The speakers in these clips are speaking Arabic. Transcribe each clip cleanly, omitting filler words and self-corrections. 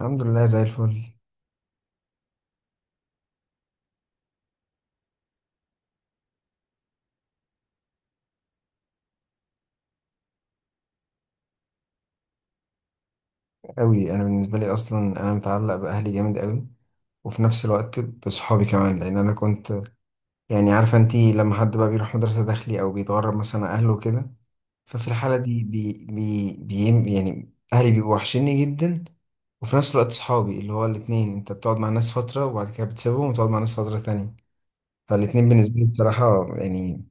الحمد لله زي الفل قوي. انا بالنسبه لي اصلا انا متعلق باهلي جامد قوي، وفي نفس الوقت بصحابي كمان. لان انا كنت يعني عارفه انتي، لما حد بقى بيروح مدرسه داخلي او بيتغرب مثلا عن اهله كده، ففي الحاله دي بي بي بي يعني اهلي بيبقوا وحشيني جدا. وفي نفس الوقت صحابي، اللي هو الاتنين انت بتقعد مع ناس فتره وبعد كده بتسيبهم وتقعد مع ناس فتره تانية، فالاتنين بالنسبه لي بصراحه يعني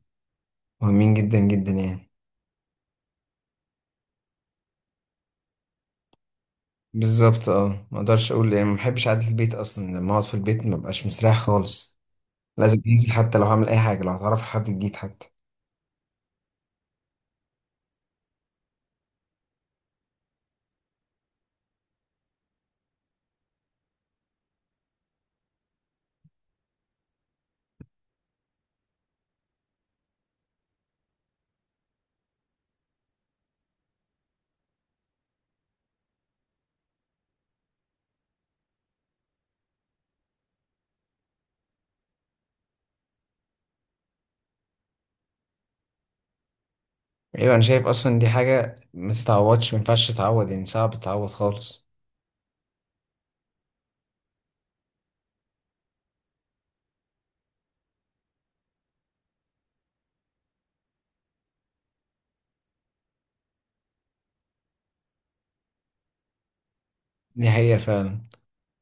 مهمين جدا جدا يعني. بالظبط اه، ما اقدرش اقول يعني ما بحبش قعده البيت اصلا. لما اقعد في البيت ما ببقاش مستريح خالص، لازم انزل حتى لو هعمل اي حاجه، لو هتعرف على حد جديد حتى. ايوه انا شايف اصلا دي حاجه ما تتعوضش، ما ينفعش تتعوض يعني، صعب تتعوض خالص. دي حقيقه فعلا.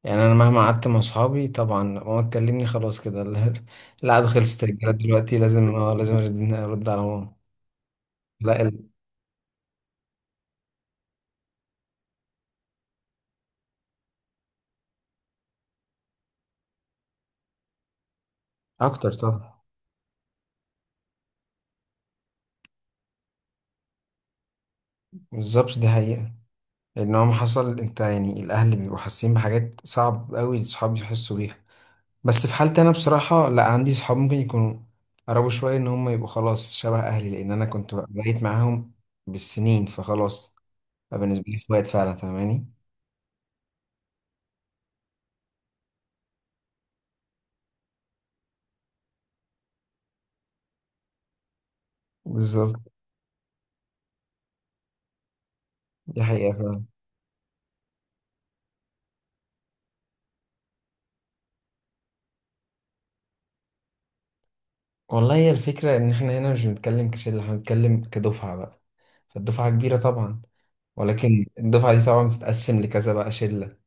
يعني انا مهما قعدت مع اصحابي، طبعا ماما تكلمني خلاص كده القعده خلصت، الرجاله دلوقتي لازم، اه لازم أرد على ماما. لا ال- اكتر طبعا. بالظبط دي حقيقه. لان هو ما حصل، انت يعني الاهل بيبقوا حاسين بحاجات صعب قوي الصحاب يحسوا بيها. بس في حالتي انا بصراحه، لا عندي صحاب ممكن يكونوا قربوا شويه ان هم يبقوا خلاص شبه اهلي، لان انا كنت بقيت معاهم بالسنين فخلاص. فبالنسبه لي اخوات فعلا فاهماني. بالظبط دي حقيقه فعلا. والله هي الفكره ان احنا هنا مش بنتكلم كشله، احنا بنتكلم كدفعه بقى. فالدفعه كبيره طبعا، ولكن الدفعه دي طبعا بتتقسم لكذا بقى شله.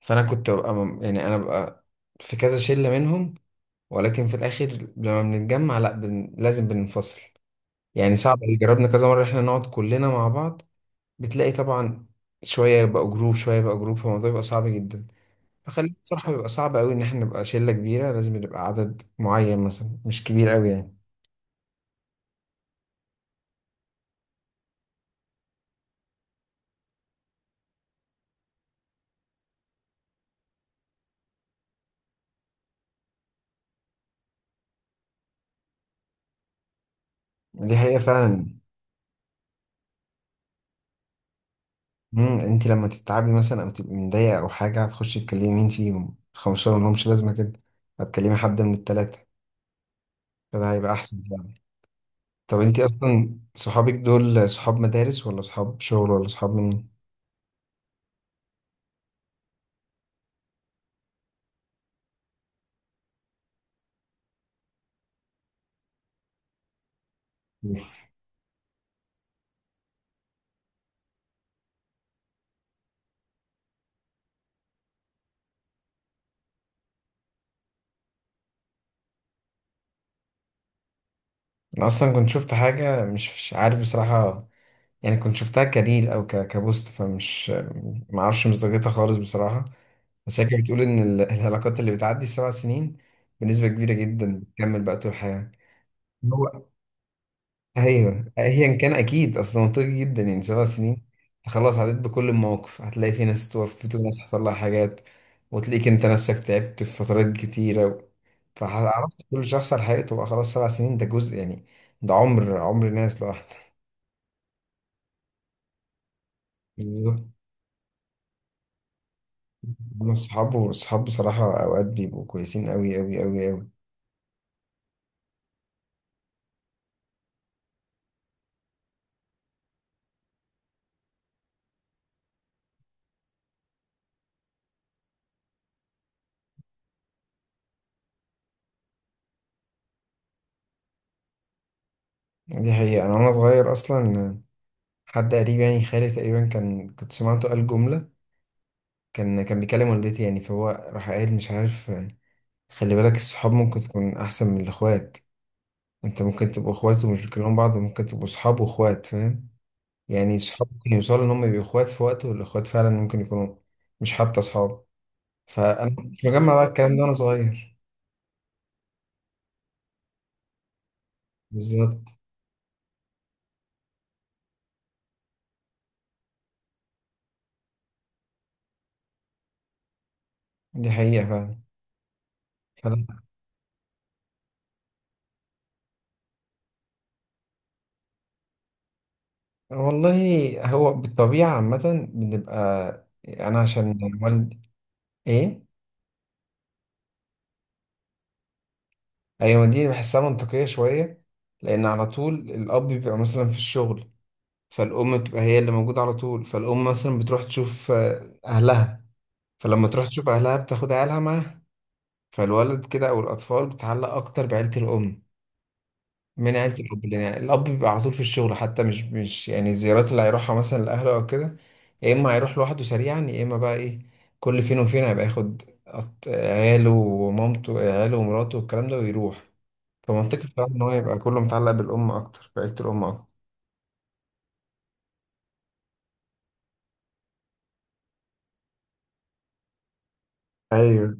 فانا كنت ببقى انا ببقى في كذا شله منهم. ولكن في الاخر لما بنتجمع، لا بن... لازم بننفصل. يعني صعب، جربنا كذا مرة احنا نقعد كلنا مع بعض، بتلاقي طبعا شوية يبقى جروب شوية يبقى جروب، فالموضوع بيبقى صعب جدا. فخلينا بصراحة، بيبقى صعب قوي ان احنا نبقى شلة كبيرة، لازم نبقى عدد معين مثلا مش كبير قوي يعني. دي حقيقة فعلا. مم. انت لما تتعبي مثلا او تبقي مضايقة او حاجة، هتخشي تكلمي مين فيهم؟ الخمسة ملهمش لازمة كده، هتكلمي حد من التلاتة، فده هيبقى احسن يعني. طب انت اصلا صحابك دول صحاب مدارس ولا صحاب شغل ولا صحاب منين؟ انا اصلا كنت شفت حاجه، مش عارف بصراحه، يعني كنت شفتها كريل او كبوست، فمش ما اعرفش مصداقيتها خالص بصراحه. بس هي كانت بتقول ان العلاقات اللي بتعدي ال 7 سنين بنسبه كبيره جدا بتكمل بقى طول الحياه. هو ايوه، ايا كان اكيد اصلا منطقي جدا. يعني 7 سنين، خلاص عديت بكل المواقف، هتلاقي في ناس توفت وناس حصل لها حاجات، وتلاقيك انت نفسك تعبت في فترات كتيره، فعرفت كل شخص على حقيقته بقى. خلاص 7 سنين ده جزء يعني، ده عمر، عمر ناس لوحده. بالظبط. انا اصحابه اصحاب بصراحه اوقات بيبقوا كويسين قوي قوي قوي قوي. دي حقيقه. انا وانا صغير اصلا، حد قريب يعني خالي تقريبا، كان كنت سمعته قال جمله، كان بيكلم والدتي يعني، فهو راح قايل مش عارف، خلي بالك الصحاب ممكن تكون احسن من الاخوات. انت ممكن تبقوا اخوات ومش بتكلموا بعض، وممكن تبقوا صحاب واخوات، فاهم يعني؟ الصحاب ممكن يوصلوا ان هم يبقوا اخوات في وقت، والاخوات فعلا ممكن يكونوا مش حتى صحاب. فانا مش مجمع بقى الكلام ده وانا صغير. بالظبط دي حقيقه فعلا. والله هو بالطبيعة عامة بنبقى، أنا عشان والد. إيه؟ أيوة دي بحسها منطقية شوية. لأن على طول الأب بيبقى مثلا في الشغل، فالأم بتبقى هي اللي موجودة على طول. فالأم مثلا بتروح تشوف أهلها، فلما تروح تشوف أهلها بتاخد عيالها معاها، فالولد كده أو الأطفال بتتعلق أكتر بعيلة الأم من عيلة الأب. لأن يعني الأب بيبقى على طول في الشغل، حتى مش مش يعني الزيارات اللي هيروحها مثلا لأهله أو كده، يا إما هيروح لوحده سريعا، يا إما بقى إيه، كل فين وفين هيبقى ياخد عياله ومامته، عياله ومراته والكلام ده ويروح. فمنطقي بصراحة إن هو يبقى كله متعلق بالأم أكتر، بعيلة الأم أكتر. أيوه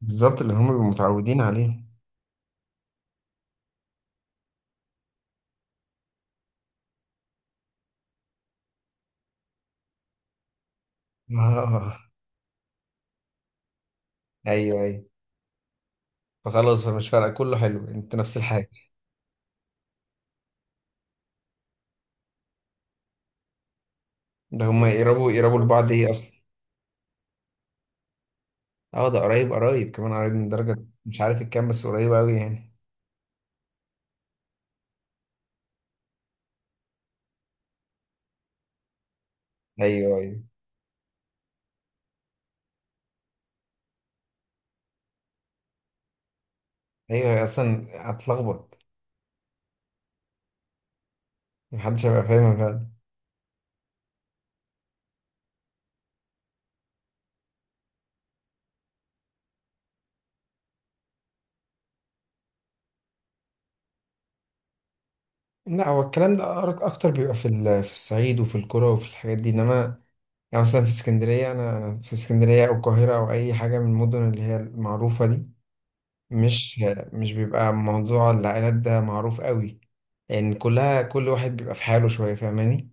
بالظبط، اللي هم بيبقوا متعودين عليه. آه، أيوه أيوه، فخلاص فمش فارقة، كله حلو، أنت نفس الحاجة. ده هم يقربوا لبعض إيه أصلا؟ أه ده قريب، قريب كمان، قريب من درجة مش عارف الكام، بس قريب أوي يعني. ايوه ايوه ايوه. اصلا هتلخبط، محدش هيبقى فاهمها فعلا. لا هو الكلام ده اكتر بيبقى في في الصعيد وفي القرى وفي الحاجات دي. انما يعني مثلا في اسكندريه انا، في اسكندريه او القاهره او اي حاجه من المدن اللي هي المعروفه دي، مش مش بيبقى موضوع العائلات ده معروف قوي. لان كلها، كل واحد بيبقى في حاله شويه، فاهماني؟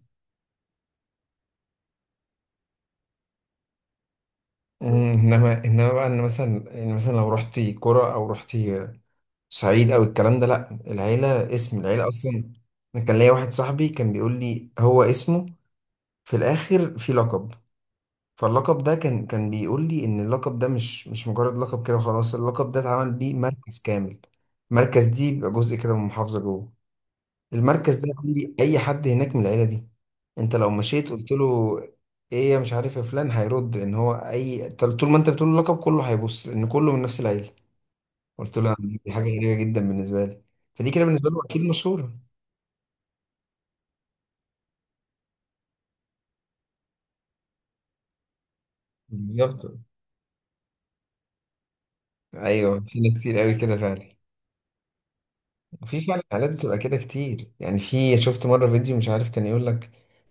انما، بقى ان مثلا، لو رحتي قرى او رحتي صعيد او الكلام ده، لا العيله، اسم العيله اصلا. انا كان ليا واحد صاحبي كان بيقول لي هو اسمه، في الاخر في لقب، فاللقب ده كان بيقول لي ان اللقب ده مش مجرد لقب كده وخلاص، اللقب ده اتعمل بيه مركز كامل. المركز دي بيبقى جزء كده من محافظه جوه. المركز ده يقول لي اي حد هناك من العيله دي، انت لو مشيت قلت له ايه يا مش عارف يا فلان، هيرد ان هو اي، طول ما انت بتقول له لقب كله هيبص، لان كله من نفس العيله. قلت له دي حاجة غريبة جدا بالنسبة لي. فدي كده بالنسبة له أكيد مشهورة. بالظبط. أيوه في ناس كتير قوي كده فعلا. وفي فعلا حالات بتبقى كده كتير، يعني في شفت مرة فيديو مش عارف، كان يقول لك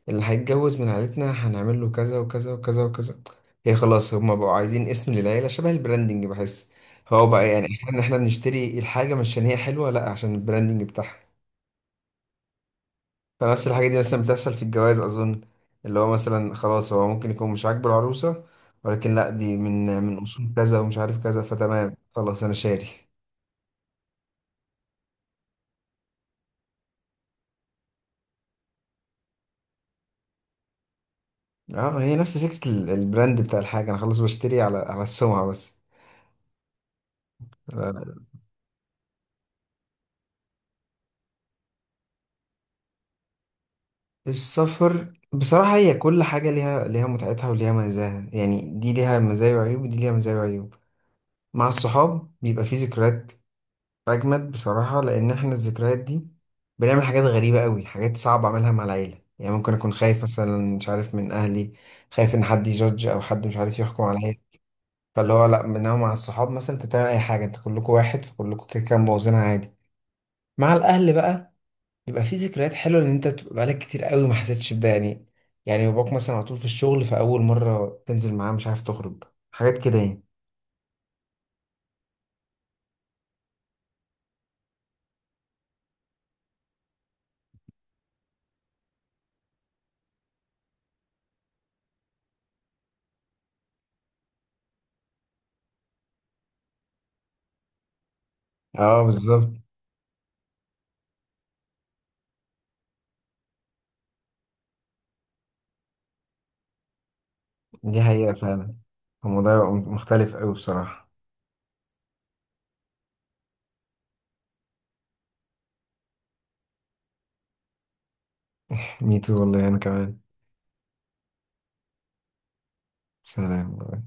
اللي هيتجوز من عيلتنا هنعمل له كذا وكذا وكذا وكذا. هي خلاص هما بقوا عايزين اسم للعيلة شبه البراندنج، بحس هو بقى يعني، احنا بنشتري الحاجة مش عشان هي حلوة، لا عشان البراندنج بتاعها. فنفس الحاجة دي مثلا بتحصل في الجواز أظن، اللي هو مثلا خلاص هو ممكن يكون مش عاجبه العروسة، ولكن لأ دي من أصول كذا ومش عارف كذا، فتمام خلاص أنا شاري. اه هي نفس فكرة البراند بتاع الحاجة، أنا خلاص بشتري على السمعة بس. آه، السفر بصراحة، هي كل حاجة ليها، متعتها وليها مزاها يعني، دي ليها مزايا وعيوب ودي ليها مزايا وعيوب. مع الصحاب بيبقى فيه ذكريات أجمد بصراحة، لأن إحنا الذكريات دي بنعمل حاجات غريبة قوي، حاجات صعبة أعملها مع العيلة. يعني ممكن أكون خايف مثلا مش عارف من أهلي، خايف إن حد يجادج أو حد مش عارف يحكم عليا. فاللي هو لأ، إنما مع الصحاب مثلا أنت بتعمل أي حاجة، أنت كلكم واحد فكلكم كده كده مبوظينها عادي. مع الأهل بقى، بيبقى في ذكريات حلوة، إن أنت بتبقى بقالك كتير قوي ما حسيتش بده يعني. يعني باباك مثلا على طول في الشغل، فأول مرة تنزل معاه مش عارف تخرج، حاجات كده يعني. أه بالظبط. دي حقيقة فعلا، الموضوع يبقى مختلف قوي بصراحة. ميتو والله أنا كمان. سلام.